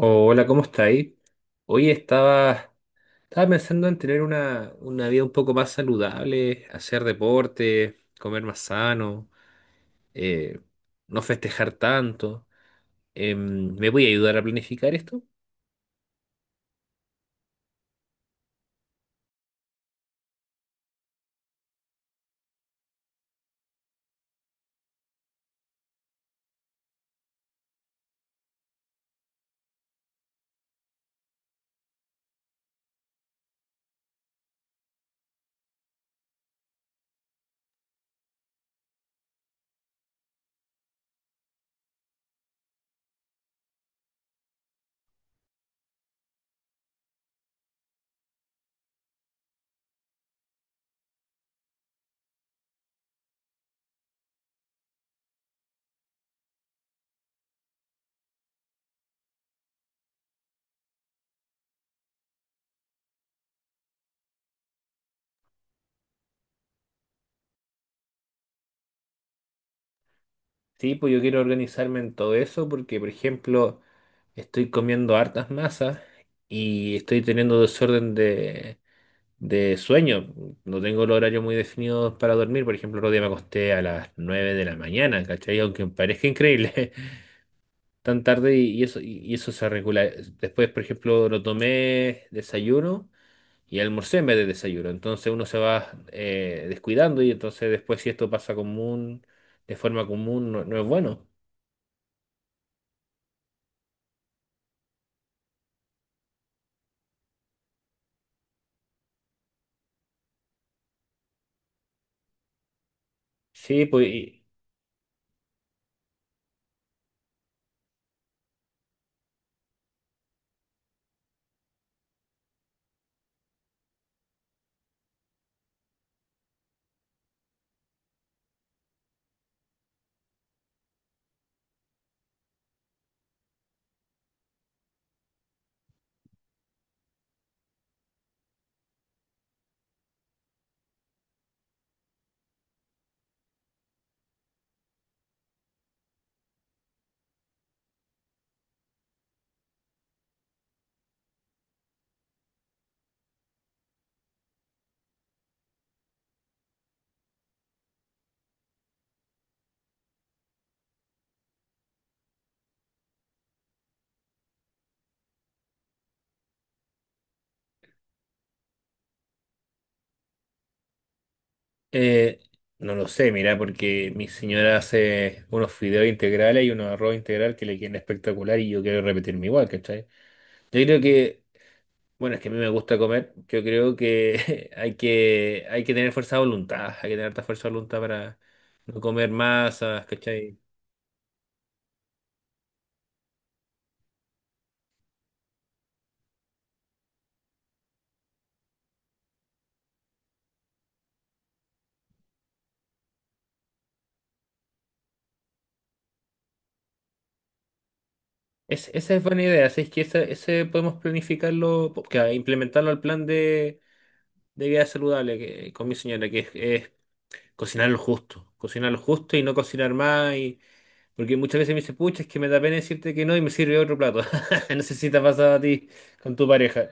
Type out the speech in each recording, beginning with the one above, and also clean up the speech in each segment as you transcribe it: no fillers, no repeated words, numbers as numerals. Hola, ¿cómo estáis? Hoy estaba pensando en tener una vida un poco más saludable, hacer deporte, comer más sano, eh, no festejar tanto. ¿Me voy a ayudar a planificar esto? Sí, pues yo quiero organizarme en todo eso porque, por ejemplo, estoy comiendo hartas masas y estoy teniendo desorden de sueño. No tengo el horario muy definido para dormir. Por ejemplo, el otro día me acosté a las 9 de la mañana, ¿cachai? Aunque parezca increíble, tan tarde, y eso, y eso se regula. Después, por ejemplo, lo tomé desayuno y almorcé en vez de desayuno. Entonces uno se va descuidando y entonces después si esto pasa común, de forma común, no, no es bueno. Sí, pues y, eh, no lo sé, mira, porque mi señora hace unos fideos integrales y unos arroz integral que le quieren espectacular y yo quiero repetirme igual, ¿cachai? Yo creo que bueno, es que a mí me gusta comer. Yo creo que hay que tener fuerza de voluntad, hay que tener harta fuerza de voluntad para no comer masas, ¿cachai? Esa es buena idea, así es que ese podemos planificarlo, que, implementarlo al plan de vida saludable que, con mi señora, que es cocinar lo justo y no cocinar más, y, porque muchas veces me dice, pucha, es que me da pena decirte que no y me sirve otro plato. No sé si te ha pasado a ti con tu pareja.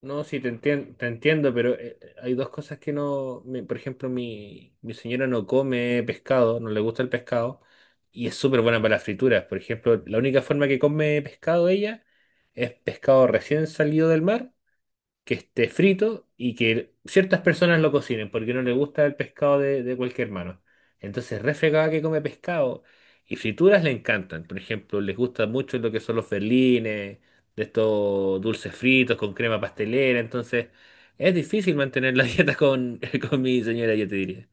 No, sí, te entiendo, pero hay dos cosas que no. Por ejemplo, mi señora no come pescado, no le gusta el pescado, y es súper buena para las frituras. Por ejemplo, la única forma que come pescado ella es pescado recién salido del mar que esté frito y que ciertas personas lo cocinen porque no le gusta el pescado de cualquier mano. Entonces, refregada que come pescado y frituras le encantan. Por ejemplo, les gusta mucho lo que son los berlines, de estos dulces fritos con crema pastelera. Entonces, es difícil mantener la dieta con mi señora, yo te diría.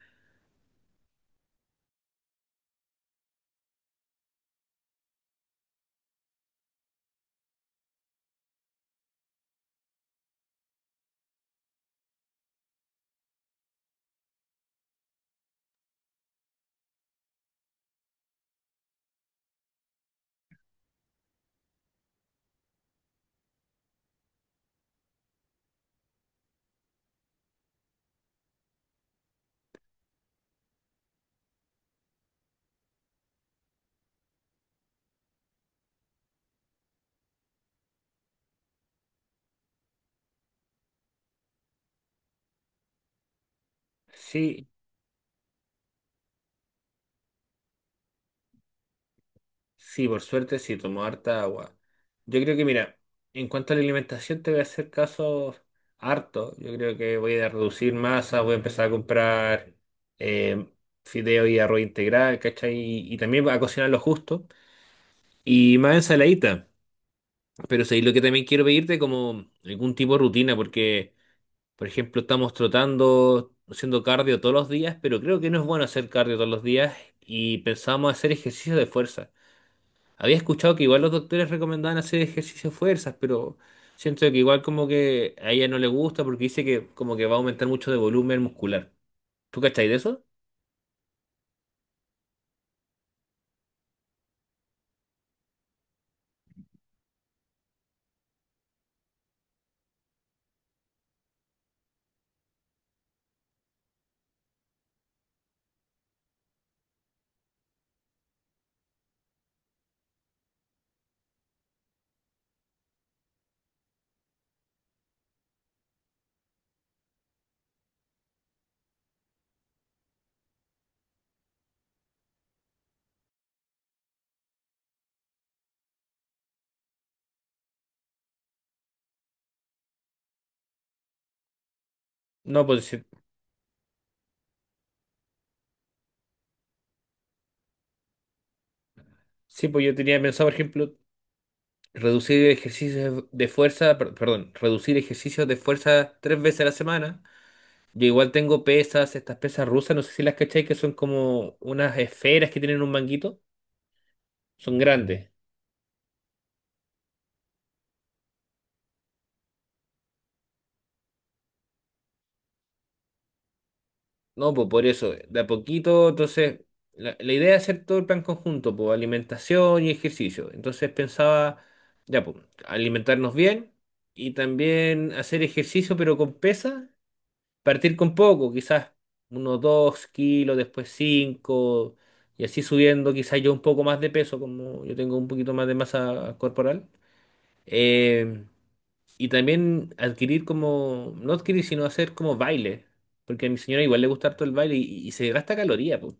Sí. Sí, por suerte sí, tomo harta agua. Yo creo que, mira, en cuanto a la alimentación te voy a hacer caso harto. Yo creo que voy a reducir masa, voy a empezar a comprar eh, fideo y arroz integral, ¿cachai? Y también a cocinar lo justo. Y más ensaladita. Pero sí, lo que también quiero pedirte como algún tipo de rutina, porque, por ejemplo, estamos trotando, haciendo cardio todos los días, pero creo que no es bueno hacer cardio todos los días y pensamos hacer ejercicio de fuerza. Había escuchado que igual los doctores recomendaban hacer ejercicio de fuerzas, pero siento que igual como que a ella no le gusta porque dice que como que va a aumentar mucho de volumen muscular. ¿Tú cachai de eso? No, pues sí, sí, pues yo tenía pensado, por ejemplo, reducir ejercicios de fuerza, perdón, reducir ejercicios de fuerza tres veces a la semana. Yo igual tengo pesas, estas pesas rusas, no sé si las cachai, que son como unas esferas que tienen un manguito. Son grandes. No, pues por eso, de a poquito, entonces, la idea es hacer todo el plan conjunto, pues alimentación y ejercicio. Entonces pensaba, ya, pues, alimentarnos bien y también hacer ejercicio, pero con pesa, partir con poco, quizás unos 2 kilos, después 5 y así subiendo, quizás yo un poco más de peso, como yo tengo un poquito más de masa corporal. Eh, y también adquirir como, no adquirir, sino hacer como baile, porque a mi señora igual le gusta harto el baile y se gasta caloría, pues.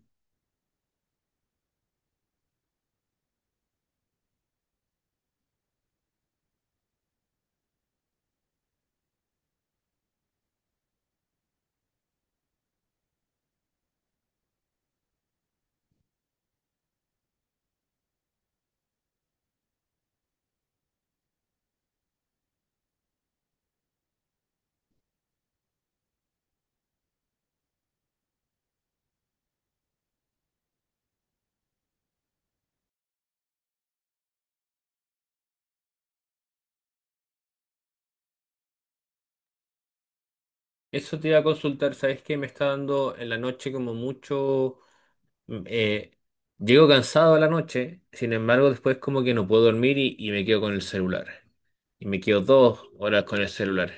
Eso te iba a consultar, ¿sabes qué? Me está dando en la noche como mucho, mm, eh, llego cansado a la noche, sin embargo después como que no puedo dormir y me quedo con el celular. Y me quedo 2 horas con el celular,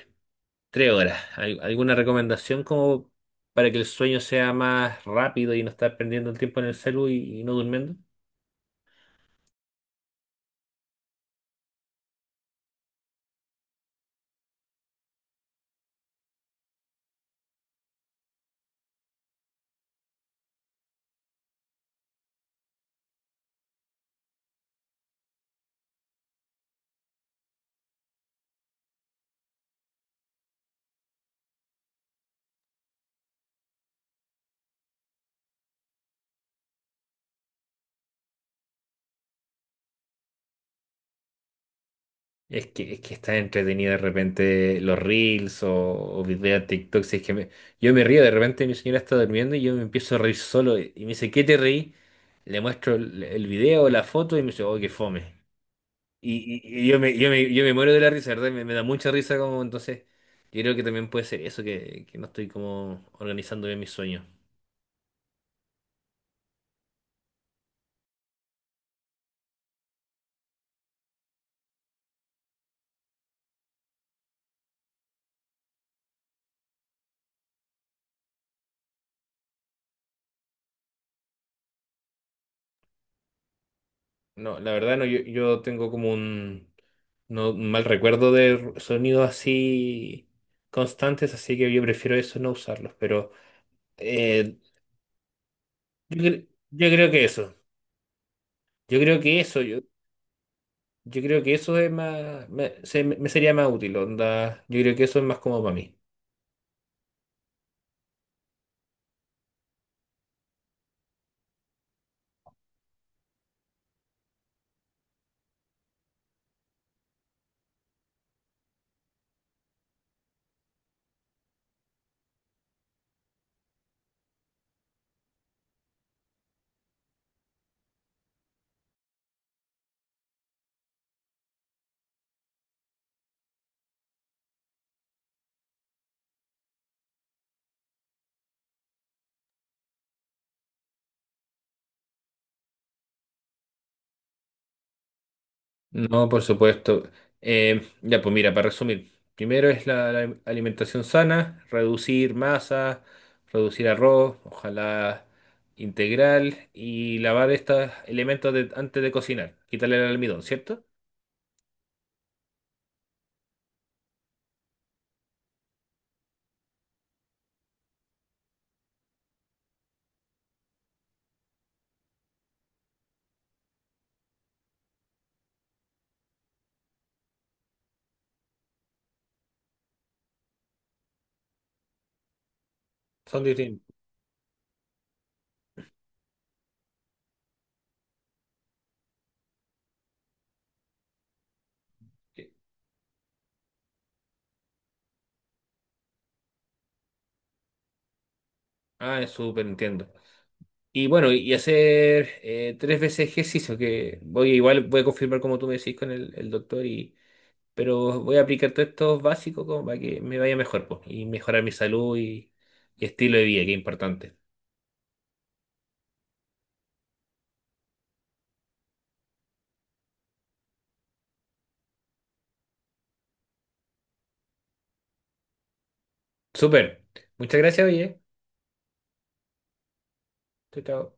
3 horas. ¿Alguna recomendación como para que el sueño sea más rápido y no estar perdiendo el tiempo en el celu y no durmiendo? Es que está entretenido de repente los reels o videos de TikTok. Si es que yo me río, de repente mi señora está durmiendo y yo me empiezo a reír solo. Y me dice, ¿qué te reí? Le muestro el video, la foto y me dice, oh, qué fome. Y yo me muero de la risa, ¿verdad? Me da mucha risa como entonces. Yo creo que también puede ser eso, que no estoy como organizando bien mis sueños. No, la verdad no, yo tengo como un, no, un mal recuerdo de sonidos así constantes, así que yo prefiero eso no usarlos, pero eh, yo creo que eso, yo creo que eso, yo, yo creo que eso es más, me sería más útil, onda, yo creo que eso es más como para mí. No, por supuesto. Ya, pues mira, para resumir, primero es la alimentación sana, reducir masa, reducir arroz, ojalá integral, y lavar estos elementos antes de cocinar, quitarle el almidón, ¿cierto? Son distintos. Ah, es súper, entiendo. Y bueno, y hacer tres veces ejercicio, que voy igual voy a confirmar como tú me decís con el doctor, pero voy a aplicar todos estos básicos como para que me vaya mejor, pues, y mejorar mi salud y estilo de vida, que es importante. Súper. Muchas gracias, oye. Chao, chao.